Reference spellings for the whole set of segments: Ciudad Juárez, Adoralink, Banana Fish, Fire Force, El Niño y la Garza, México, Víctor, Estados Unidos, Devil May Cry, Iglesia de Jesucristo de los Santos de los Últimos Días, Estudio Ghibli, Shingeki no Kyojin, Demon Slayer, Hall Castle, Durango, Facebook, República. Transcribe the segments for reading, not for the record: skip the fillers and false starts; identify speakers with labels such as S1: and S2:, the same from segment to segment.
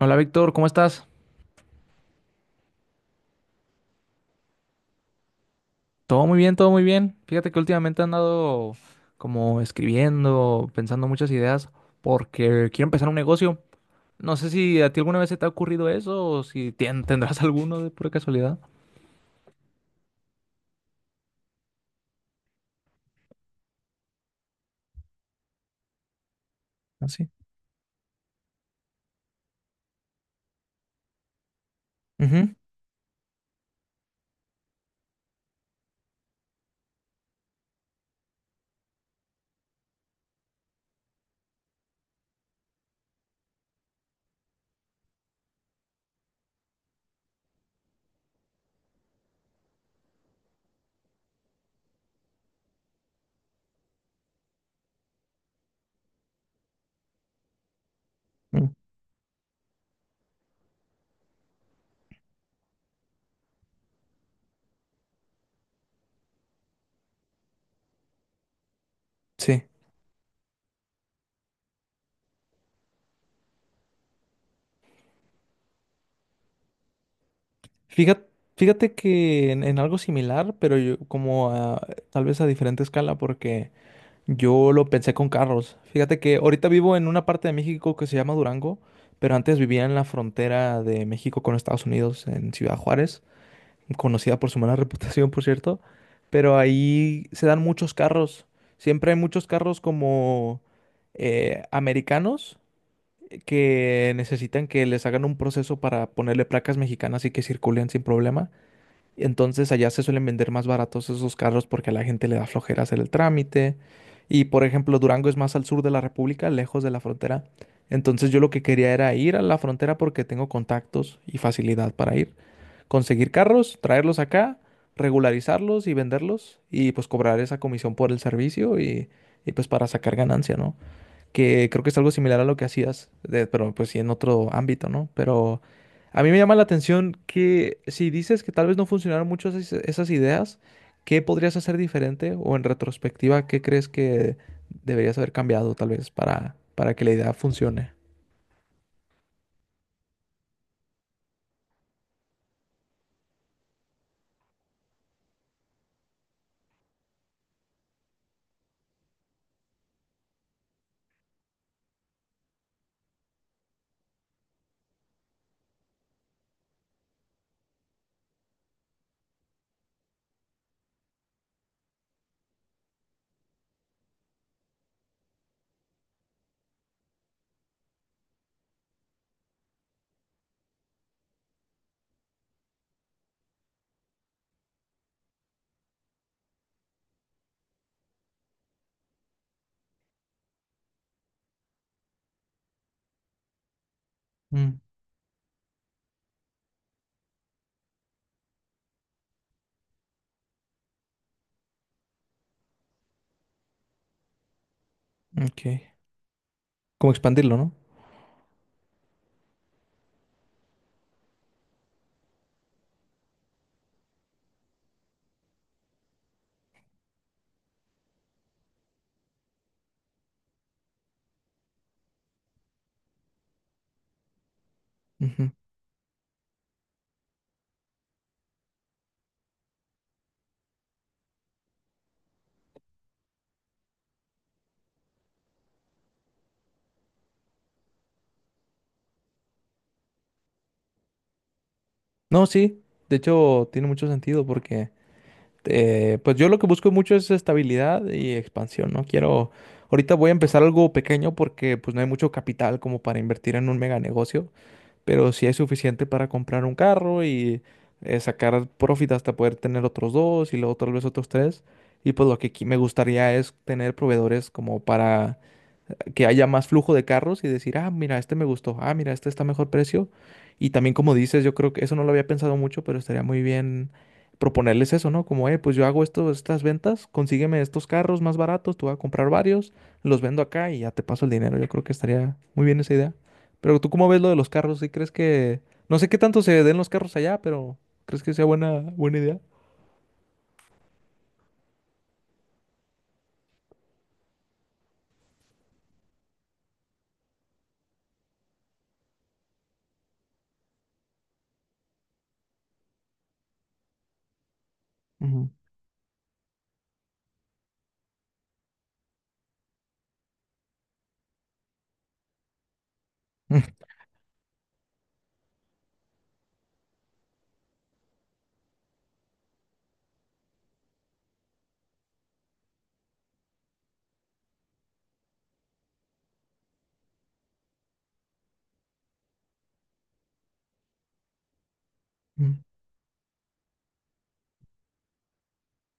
S1: Hola Víctor, ¿cómo estás? Todo muy bien, todo muy bien. Fíjate que últimamente he andado como escribiendo, pensando muchas ideas porque quiero empezar un negocio. No sé si a ti alguna vez se te ha ocurrido eso o si tendrás alguno de pura casualidad. Ah, sí. Ujú. Mm. Sí. Fíjate, fíjate que en algo similar, pero yo como tal vez a diferente escala, porque yo lo pensé con carros. Fíjate que ahorita vivo en una parte de México que se llama Durango, pero antes vivía en la frontera de México con Estados Unidos, en Ciudad Juárez, conocida por su mala reputación, por cierto. Pero ahí se dan muchos carros. Siempre hay muchos carros como americanos que necesitan que les hagan un proceso para ponerle placas mexicanas y que circulen sin problema. Entonces allá se suelen vender más baratos esos carros porque a la gente le da flojera hacer el trámite. Y por ejemplo, Durango es más al sur de la República, lejos de la frontera. Entonces yo lo que quería era ir a la frontera porque tengo contactos y facilidad para ir. Conseguir carros, traerlos acá, regularizarlos y venderlos y pues cobrar esa comisión por el servicio y pues para sacar ganancia, ¿no? Que creo que es algo similar a lo que hacías, pero pues sí en otro ámbito, ¿no? Pero a mí me llama la atención que si dices que tal vez no funcionaron mucho esas ideas, ¿qué podrías hacer diferente? O en retrospectiva, ¿qué crees que deberías haber cambiado tal vez para que la idea funcione? Mm. Ok. Como expandirlo, ¿no? Ujú. No, sí. De hecho, tiene mucho sentido porque pues yo lo que busco mucho es estabilidad y expansión, ¿no? Quiero, ahorita voy a empezar algo pequeño porque pues no hay mucho capital como para invertir en un mega negocio, pero sí hay suficiente para comprar un carro y sacar profit hasta poder tener otros dos y luego tal vez otros tres. Y pues lo que aquí me gustaría es tener proveedores como para que haya más flujo de carros y decir, ah, mira, este me gustó, ah, mira, este está a mejor precio. Y también como dices, yo creo que eso no lo había pensado mucho, pero estaría muy bien proponerles eso, ¿no? Como, pues yo hago esto, estas ventas, consígueme estos carros más baratos, tú vas a comprar varios, los vendo acá y ya te paso el dinero. Yo creo que estaría muy bien esa idea. Pero tú cómo ves lo de los carros, ¿sí crees que... no sé qué tanto se den los carros allá, pero ¿crees que sea buena, buena idea? Ujú.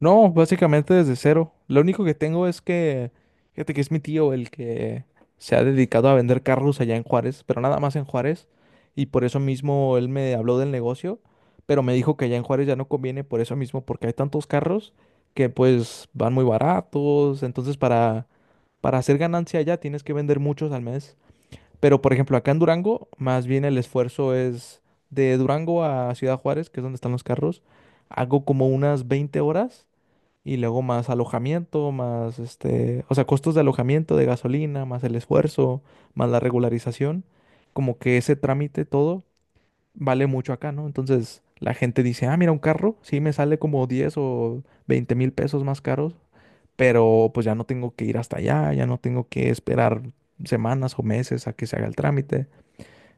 S1: No, básicamente desde cero. Lo único que tengo es que, fíjate que es mi tío el que se ha dedicado a vender carros allá en Juárez, pero nada más en Juárez. Y por eso mismo él me habló del negocio, pero me dijo que allá en Juárez ya no conviene por eso mismo, porque hay tantos carros que pues van muy baratos. Entonces para hacer ganancia allá tienes que vender muchos al mes. Pero por ejemplo acá en Durango, más bien el esfuerzo es de Durango a Ciudad Juárez, que es donde están los carros, hago como unas 20 horas y luego más alojamiento, más este, o sea, costos de alojamiento, de gasolina, más el esfuerzo, más la regularización. Como que ese trámite todo vale mucho acá, ¿no? Entonces la gente dice, ah, mira, un carro, sí me sale como 10 o 20.000 pesos más caros, pero pues ya no tengo que ir hasta allá, ya no tengo que esperar semanas o meses a que se haga el trámite.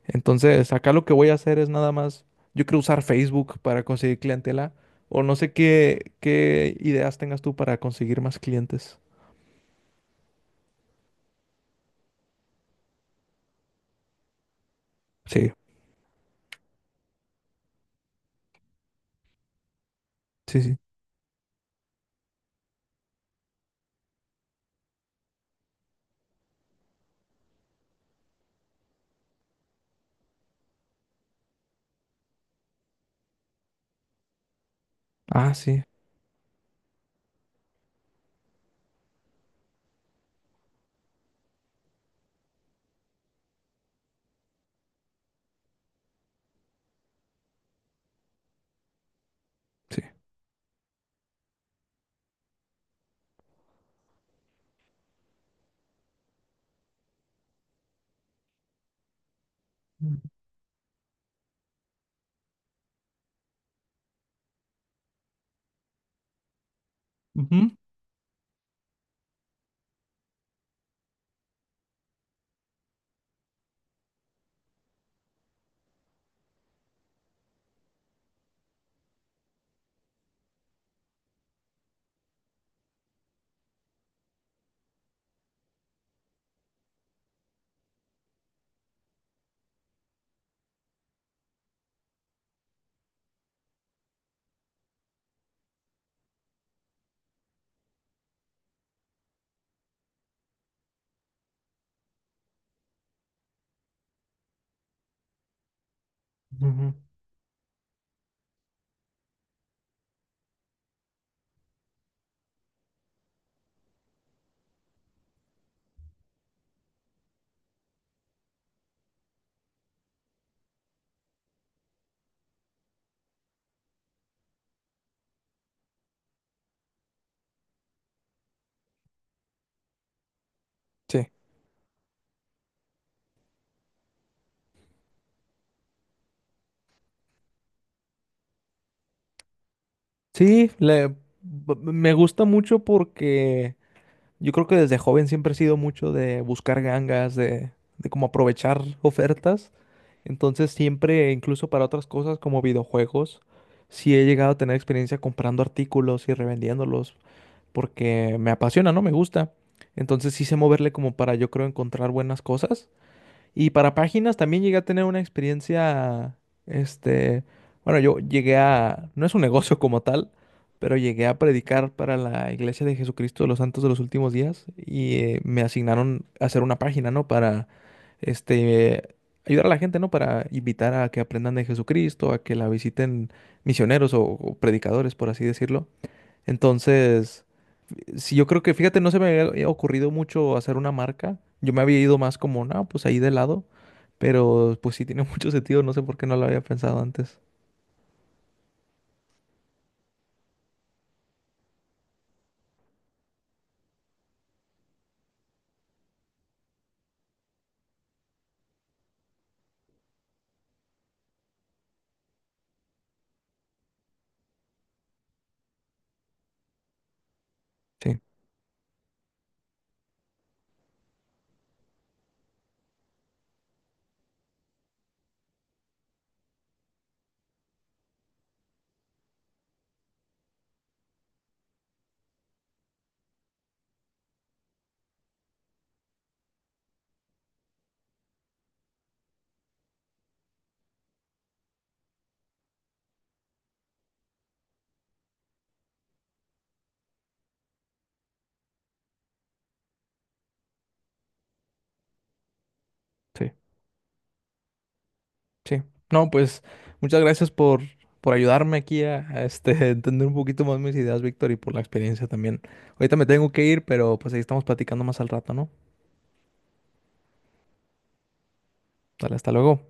S1: Entonces, acá lo que voy a hacer es nada más, yo quiero usar Facebook para conseguir clientela, o no sé qué, qué ideas tengas tú para conseguir más clientes. Sí, sí, sí. Ah, sí, sí. Ujú. Ujú. Sí. Sí, me gusta mucho porque yo creo que desde joven siempre he sido mucho de buscar gangas, de cómo aprovechar ofertas. Entonces siempre, incluso para otras cosas como videojuegos, sí he llegado a tener experiencia comprando artículos y revendiéndolos porque me apasiona, ¿no? Me gusta. Entonces sí sé moverle como para yo creo encontrar buenas cosas. Y para páginas también llegué a tener una experiencia, este, bueno, yo llegué a, no es un negocio como tal, pero llegué a predicar para la Iglesia de Jesucristo de los Santos de los Últimos Días y me asignaron a hacer una página, ¿no? Para, este, ayudar a la gente, ¿no? Para invitar a que aprendan de Jesucristo, a que la visiten misioneros o predicadores, por así decirlo. Entonces, si yo creo que, fíjate, no se me había ocurrido mucho hacer una marca. Yo me había ido más como, no, pues ahí de lado. Pero pues sí tiene mucho sentido, no sé por qué no lo había pensado antes. Sí, sí, sí. No, pues muchas gracias por ayudarme aquí a, este, entender un poquito más mis ideas, Víctor, y por la experiencia también. Ahorita me tengo que ir, pero pues ahí estamos platicando más al rato, ¿no? Dale, hasta luego.